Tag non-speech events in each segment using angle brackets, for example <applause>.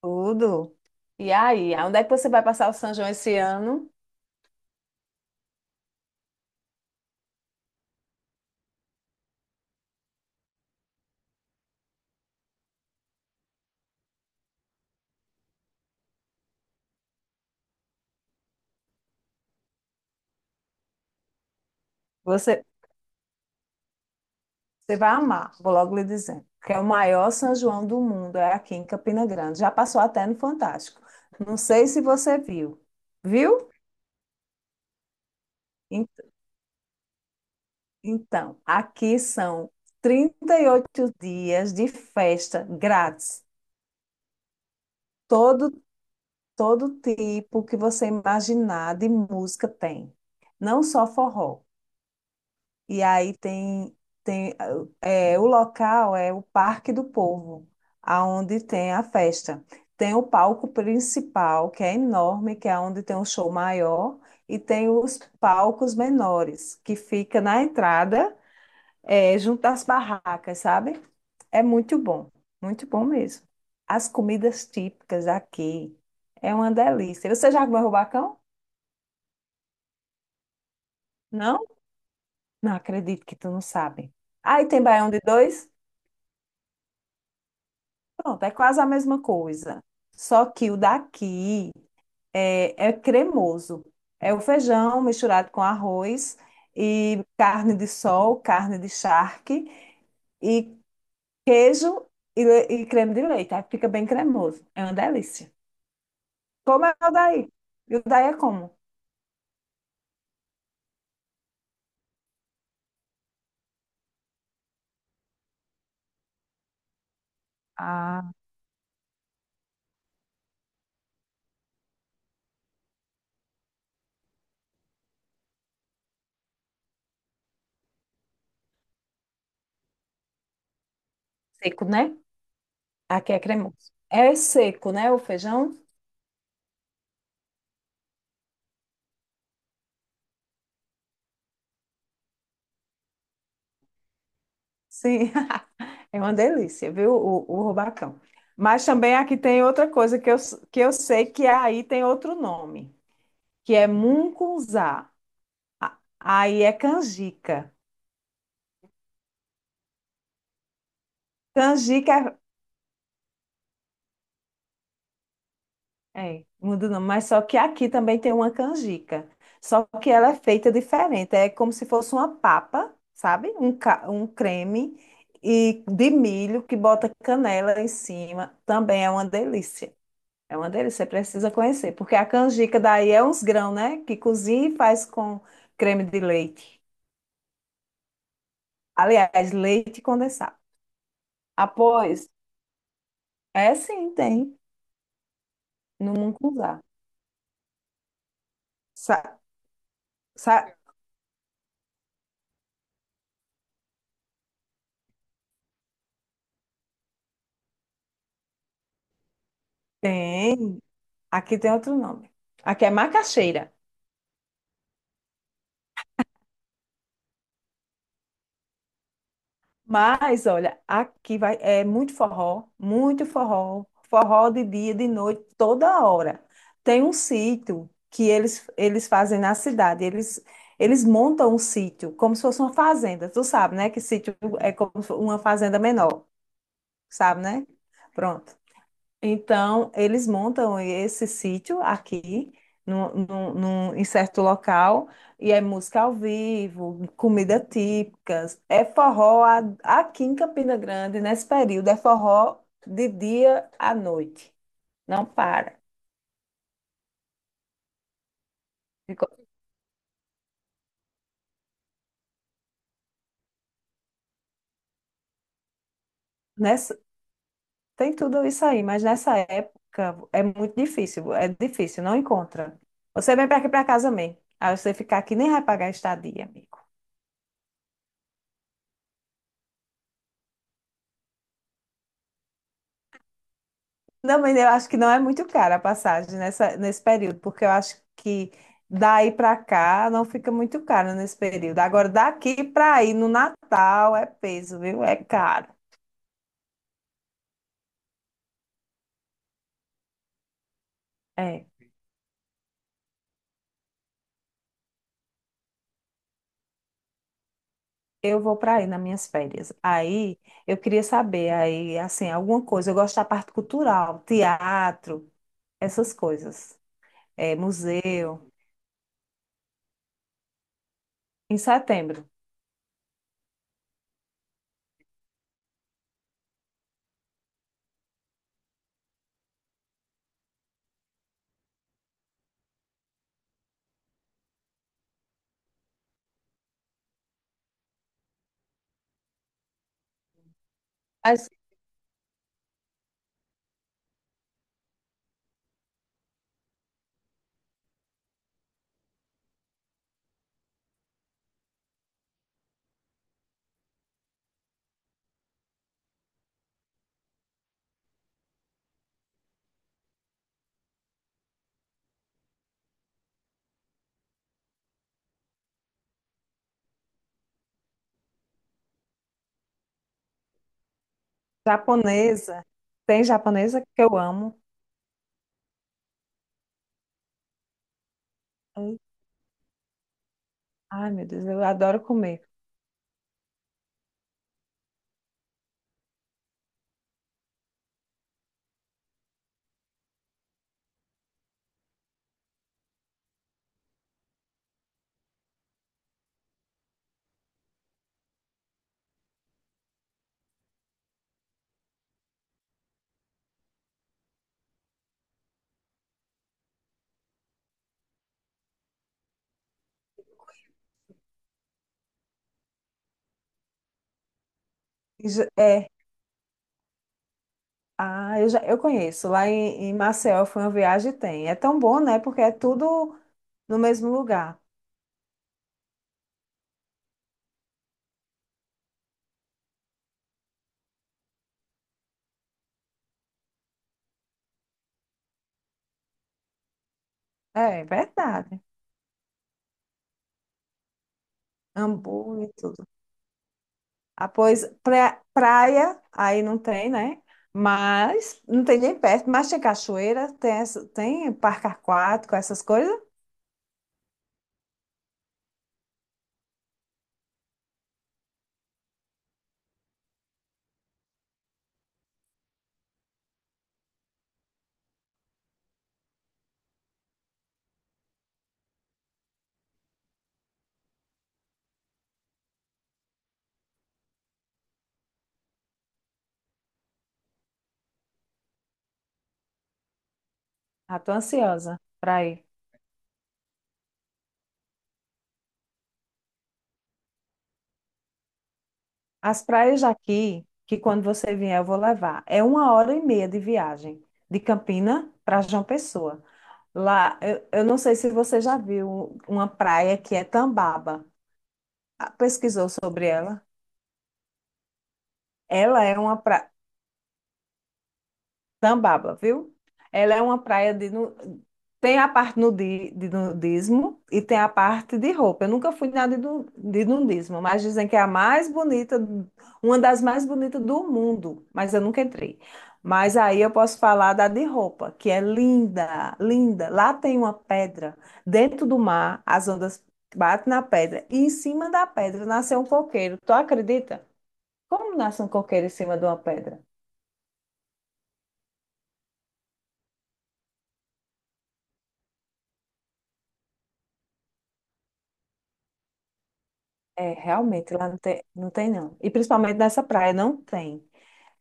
Tudo. E aí, onde é que você vai passar o São João esse ano? Você, você vai amar, vou logo lhe dizendo. Que é o maior São João do mundo, é aqui em Campina Grande. Já passou até no Fantástico. Não sei se você viu. Viu? En- Então, aqui são 38 dias de festa grátis. Todo, todo tipo que você imaginar de música tem. Não só forró. E aí tem é, o local é o Parque do Povo, aonde tem a festa. Tem o palco principal, que é enorme, que é onde tem um show maior, e tem os palcos menores, que fica na entrada, é, junto às barracas, sabe? É muito bom mesmo. As comidas típicas aqui é uma delícia. Você já comeu rubacão? Não? Não acredito que tu não sabe. Aí tem baião de dois? Pronto, é quase a mesma coisa. Só que o daqui é cremoso. É o feijão misturado com arroz e carne de sol, carne de charque e queijo e creme de leite. Aí fica bem cremoso. É uma delícia. Como é o daí? E o daí é como? Ah, seco, né? Aqui é cremoso. É seco, né? O feijão? Sim. <laughs> É uma delícia, viu? O rubacão. Mas também aqui tem outra coisa que que eu sei que aí tem outro nome, que é mungunzá. Aí é canjica. Canjica é, muda o nome, mas só que aqui também tem uma canjica. Só que ela é feita diferente. É como se fosse uma papa, sabe? Um creme e de milho que bota canela em cima. Também é uma delícia. É uma delícia, você precisa conhecer, porque a canjica daí é uns grãos, né? Que cozinha e faz com creme de leite. Aliás, leite condensado. Após, é sim, tem, no Mucunzá. Sa, sa- tem, aqui tem outro nome. Aqui é macaxeira. Mas, olha, aqui vai, é muito forró, forró de dia, de noite, toda hora. Tem um sítio que eles fazem na cidade, eles montam um sítio como se fosse uma fazenda, tu sabe, né? Que sítio é como se fosse uma fazenda menor, sabe, né? Pronto. Então, eles montam esse sítio aqui, em certo local, e é música ao vivo, comida típicas, é forró aqui em Campina Grande, nesse período, é forró de dia à noite, não para. Ficou- Nessa, tem tudo isso aí, mas nessa época é muito difícil, é difícil, não encontra. Você vem para aqui para casa mesmo, aí você ficar aqui nem vai pagar estadia, amigo. Não, mas eu acho que não é muito cara a passagem nessa, nesse período, porque eu acho que daí para cá não fica muito caro nesse período. Agora, daqui para aí no Natal é peso, viu? É caro. É. Eu vou para aí nas minhas férias. Aí eu queria saber aí assim alguma coisa. Eu gosto da parte cultural, teatro, essas coisas. É, museu. Em setembro. Mas japonesa. Tem japonesa que eu amo. Ai, meu Deus, eu adoro comer. É. Ah, eu já eu conheço. Lá em Maceió foi uma viagem e tem. É tão bom, né? Porque é tudo no mesmo lugar. É verdade. Hamburgo e tudo. Ah, pois praia, aí não tem, né? Mas não tem nem perto, mas tem cachoeira, tem parque aquático, essas coisas. Ah, tô ansiosa pra ir. As praias aqui, que quando você vier eu vou levar, é uma hora e meia de viagem de Campina para João Pessoa. Lá, eu não sei se você já viu uma praia que é Tambaba. Ah, pesquisou sobre ela? Ela é uma praia. Tambaba, viu? Ela é uma praia tem a parte de nudismo e tem a parte de roupa. Eu nunca fui nada de nudismo, mas dizem que é a mais bonita, uma das mais bonitas do mundo, mas eu nunca entrei. Mas aí eu posso falar da de roupa, que é linda, linda. Lá tem uma pedra dentro do mar, as ondas batem na pedra e em cima da pedra nasceu um coqueiro. Tu acredita? Como nasce um coqueiro em cima de uma pedra? É, realmente, lá não tem, não tem não. E principalmente nessa praia não tem.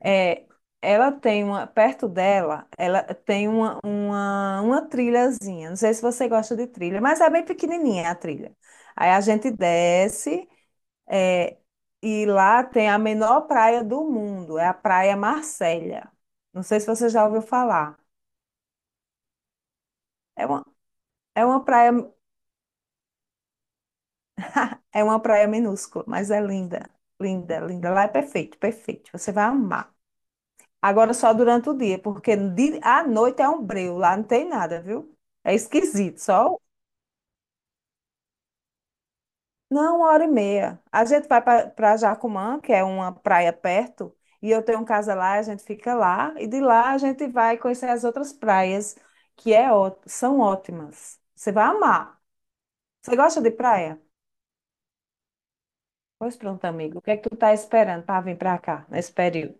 É, ela tem uma, perto dela, ela tem uma trilhazinha. Não sei se você gosta de trilha, mas é bem pequenininha a trilha. Aí a gente desce, é, e lá tem a menor praia do mundo, é a Praia Marcélia. Não sei se você já ouviu falar. É uma, é uma praia, é uma praia minúscula, mas é linda, linda, linda. Lá é perfeito, perfeito. Você vai amar. Agora só durante o dia, porque à noite é um breu, lá não tem nada, viu? É esquisito, só não, uma hora e meia. A gente vai para Jacumã, que é uma praia perto, e eu tenho um casa lá, a gente fica lá, e de lá a gente vai conhecer as outras praias, que são ótimas. Você vai amar. Você gosta de praia? Pois pronto, amigo. O que é que tu tá esperando para vir para cá nesse período?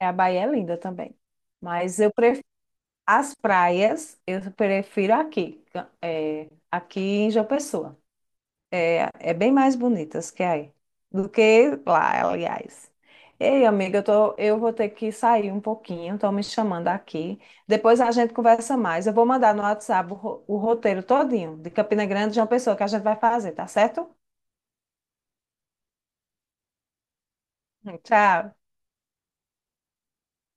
A Bahia é linda também, mas as praias, eu prefiro é, aqui em João Pessoa. É, é bem mais bonitas que aí, do que lá, aliás. Ei, amiga, eu vou ter que sair um pouquinho, estão me chamando aqui. Depois a gente conversa mais. Eu vou mandar no WhatsApp o roteiro todinho de Campina Grande, e João Pessoa, que a gente vai fazer, tá certo? <laughs> Tchau.